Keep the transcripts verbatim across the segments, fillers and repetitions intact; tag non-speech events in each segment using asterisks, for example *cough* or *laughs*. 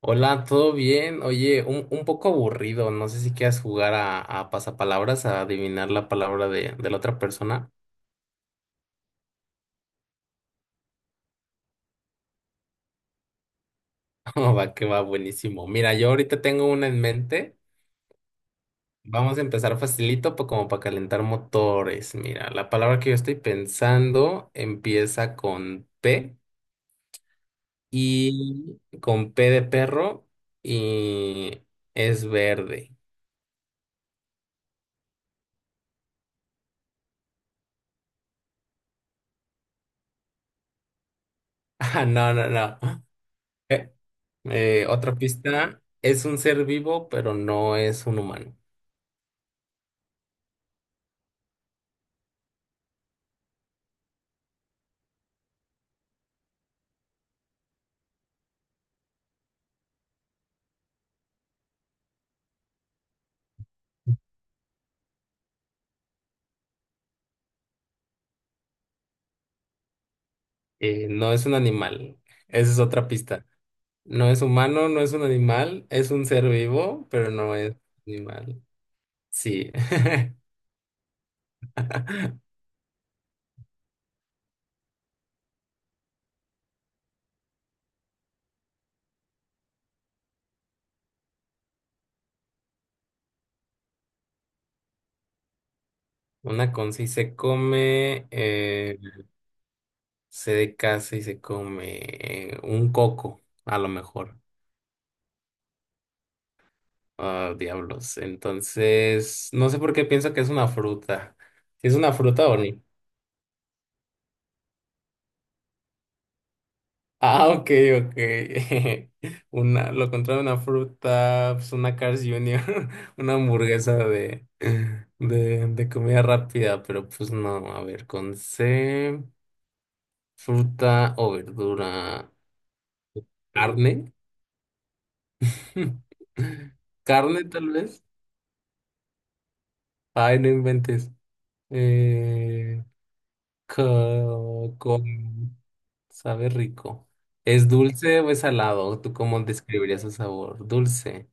Hola, ¿todo bien? Oye, un, un poco aburrido. No sé si quieras jugar a, a pasapalabras, a adivinar la palabra de, de la otra persona. *laughs* Oh, va que va buenísimo. Mira, yo ahorita tengo una en mente. Vamos a empezar facilito, pa- como para calentar motores. Mira, la palabra que yo estoy pensando empieza con P y con P de perro y es verde. *laughs* Ah, no, no, no. *laughs* Eh, otra pista, es un ser vivo, pero no es un humano. Eh, no es un animal. Esa es otra pista. No es humano, no es un animal, es un ser vivo, pero no es animal. Sí. *laughs* Una con sí se come, eh, se de casa y se come eh, un coco, a lo mejor. Ah, diablos. Entonces, no sé por qué pienso que es una fruta. ¿Si es una fruta o no? Ah, ok, ok. *laughs* Una, lo contrario de una fruta, pues una Cars Junior, *laughs* una hamburguesa de, de, de comida rápida, pero pues no, a ver, con C, fruta o verdura, carne, *laughs* carne tal vez. Ay, no inventes. Eh, co- con, sabe rico. ¿Es dulce o es salado? ¿Tú cómo describirías el sabor? Dulce.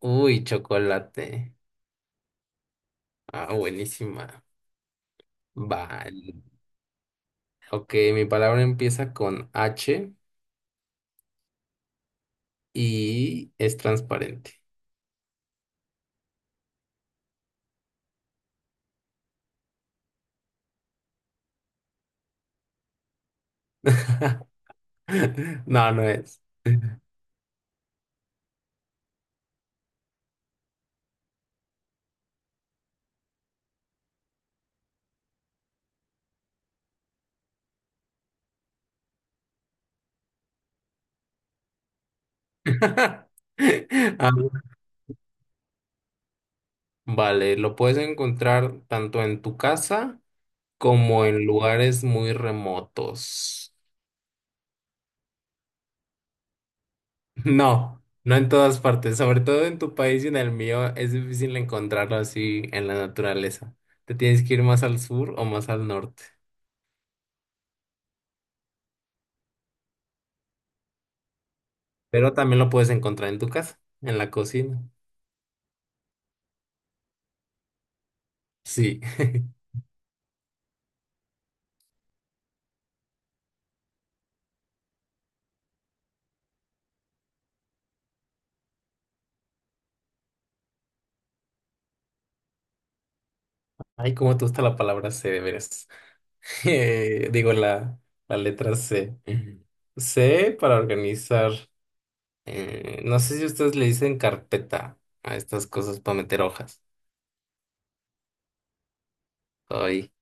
Uy, chocolate. Ah, buenísima. Vale. Ok, mi palabra empieza con H y es transparente. *laughs* No, no es. *laughs* Ah, vale, lo puedes encontrar tanto en tu casa como en lugares muy remotos. No, no en todas partes, sobre todo en tu país y en el mío es difícil encontrarlo así en la naturaleza. Te tienes que ir más al sur o más al norte. Pero también lo puedes encontrar en tu casa, en la cocina. Sí. *laughs* Ay, cómo te gusta la palabra C, de veras. *laughs* Eh, digo, la, la letra C. C para organizar. eh, no sé si ustedes le dicen carpeta a estas cosas para meter hojas. Ay,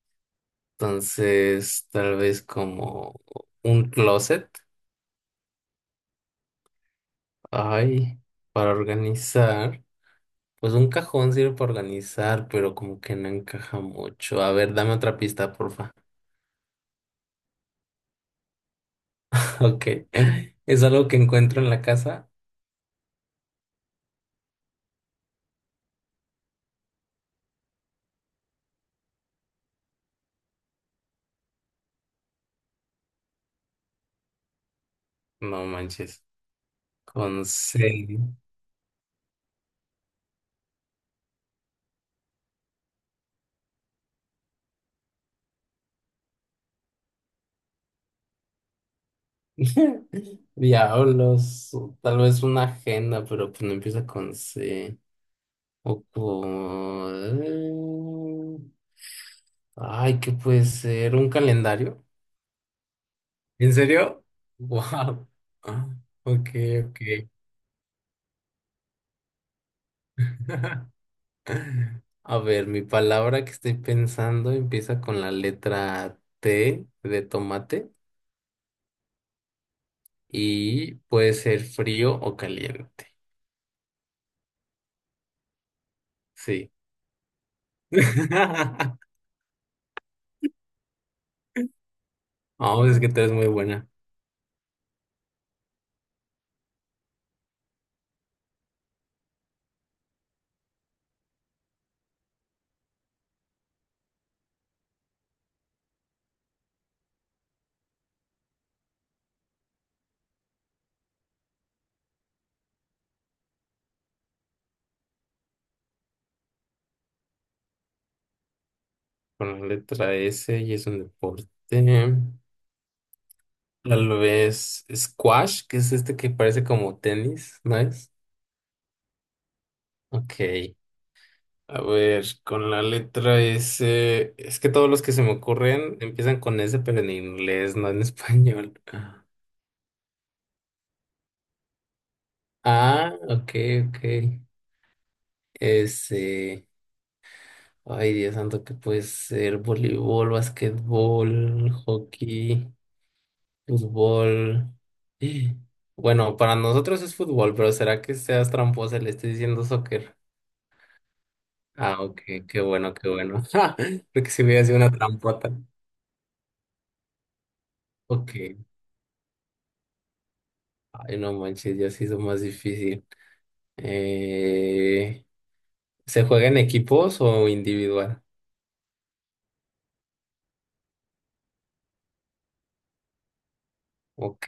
entonces, tal vez como un closet. Ay, para organizar. Pues un cajón sirve para organizar, pero como que no encaja mucho. A ver, dame otra pista, porfa. Ok. *laughs* Es algo que encuentro en la casa. No manches. Con C. *laughs* Diablos. O tal vez una agenda, pero pues no empieza con C. O con... Ay, ¿qué puede ser? ¿Un calendario? ¿En serio? Wow. Ok, ok. *laughs* A ver, mi palabra que estoy pensando empieza con la letra T de tomate. Y puede ser frío o caliente. Sí. *laughs* Vamos, es que tú eres muy buena con la letra S y es un deporte. Tal vez squash, que es este que parece como tenis, ¿no es? Ok. A ver, con la letra S, es que todos los que se me ocurren empiezan con S, pero en inglés, no en español. Ah, ok, ok. S. Ay, Dios santo, que puede ser voleibol, basquetbol, hockey, fútbol. *gasps* Bueno, para nosotros es fútbol, pero ¿será que seas tramposa? Y le estés diciendo soccer. Ah, ok, qué bueno, qué bueno. *laughs* Porque si hubiera sido una trampota. Ok. Ay, no manches, ya se hizo más difícil. Eh, ¿se juega en equipos o individual? Ok,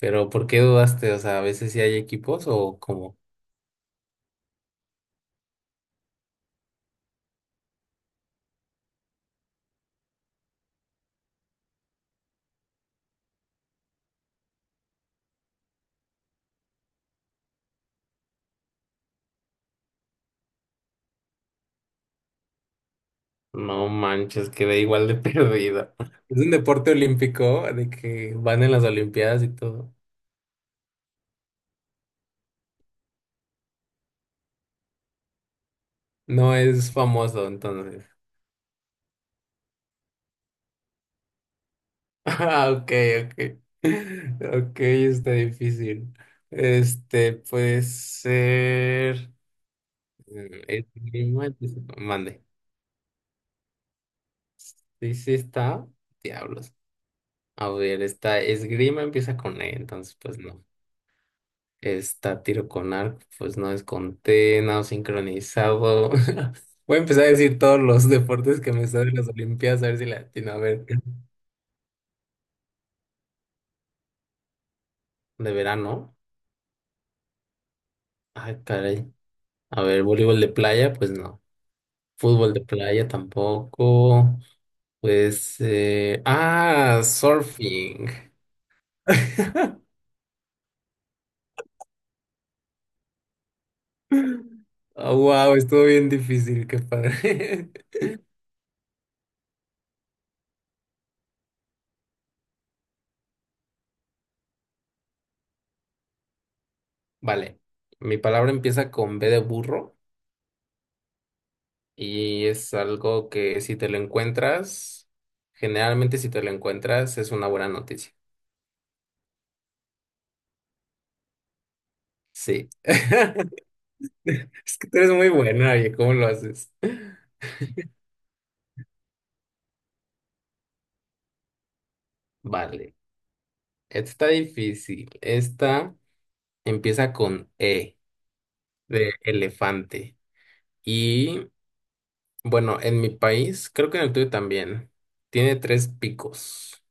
pero ¿por qué dudaste? O sea, ¿a veces sí hay equipos o cómo? No manches, quedé igual de perdida. *laughs* Es un deporte olímpico de que van en las Olimpiadas y todo. No es famoso, entonces. *laughs* Ah, ok, ok. *laughs* Ok, está difícil. Este, puede ser. Mm, esgrima, empieza- mande. Sí, sí está. Diablos. A ver, esta esgrima empieza con E, entonces, pues no. Está tiro con arco, pues no desconté, nado sincronizado. *laughs* Voy a empezar a decir todos los deportes que me están en las Olimpiadas, a ver si la atino. A ver, de verano. Ay, caray. A ver, voleibol de playa, pues no. Fútbol de playa tampoco. Pues, eh... ah, surfing. *laughs* Wow, estuvo bien difícil, qué padre. *laughs* Vale, mi palabra empieza con B de burro. Y es algo que si te lo encuentras, generalmente si te lo encuentras es una buena noticia. Sí. *laughs* Es que tú eres muy buena, oye, ¿cómo lo haces? Vale. Esta está difícil. Esta empieza con E de elefante. Y bueno, en mi país, creo que en el tuyo también, tiene tres picos.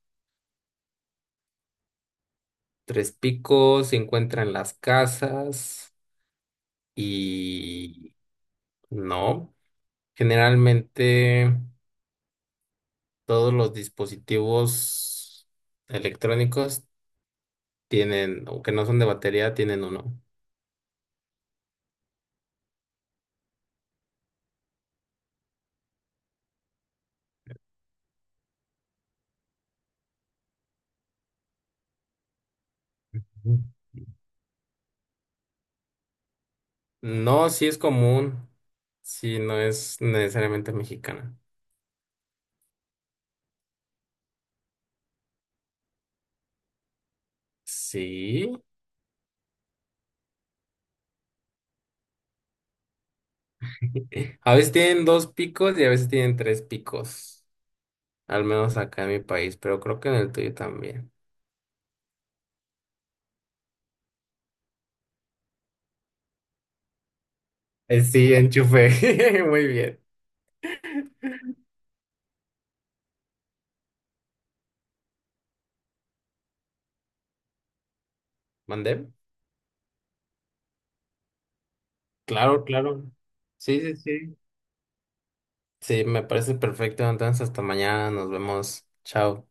Tres picos se encuentran en las casas y no. Generalmente. Todos los dispositivos electrónicos tienen, o que no son de batería, tienen uno. Ujú. No, sí es común, sí, no es necesariamente mexicana. Sí, a veces tienen dos picos y a veces tienen tres picos, al menos acá en mi país, pero creo que en el tuyo también. Eh, sí, enchufe, *laughs* muy bien. ¿Mandé? Claro, claro. Sí, sí, sí. Sí, me parece perfecto. Entonces, hasta mañana, nos vemos. Chao.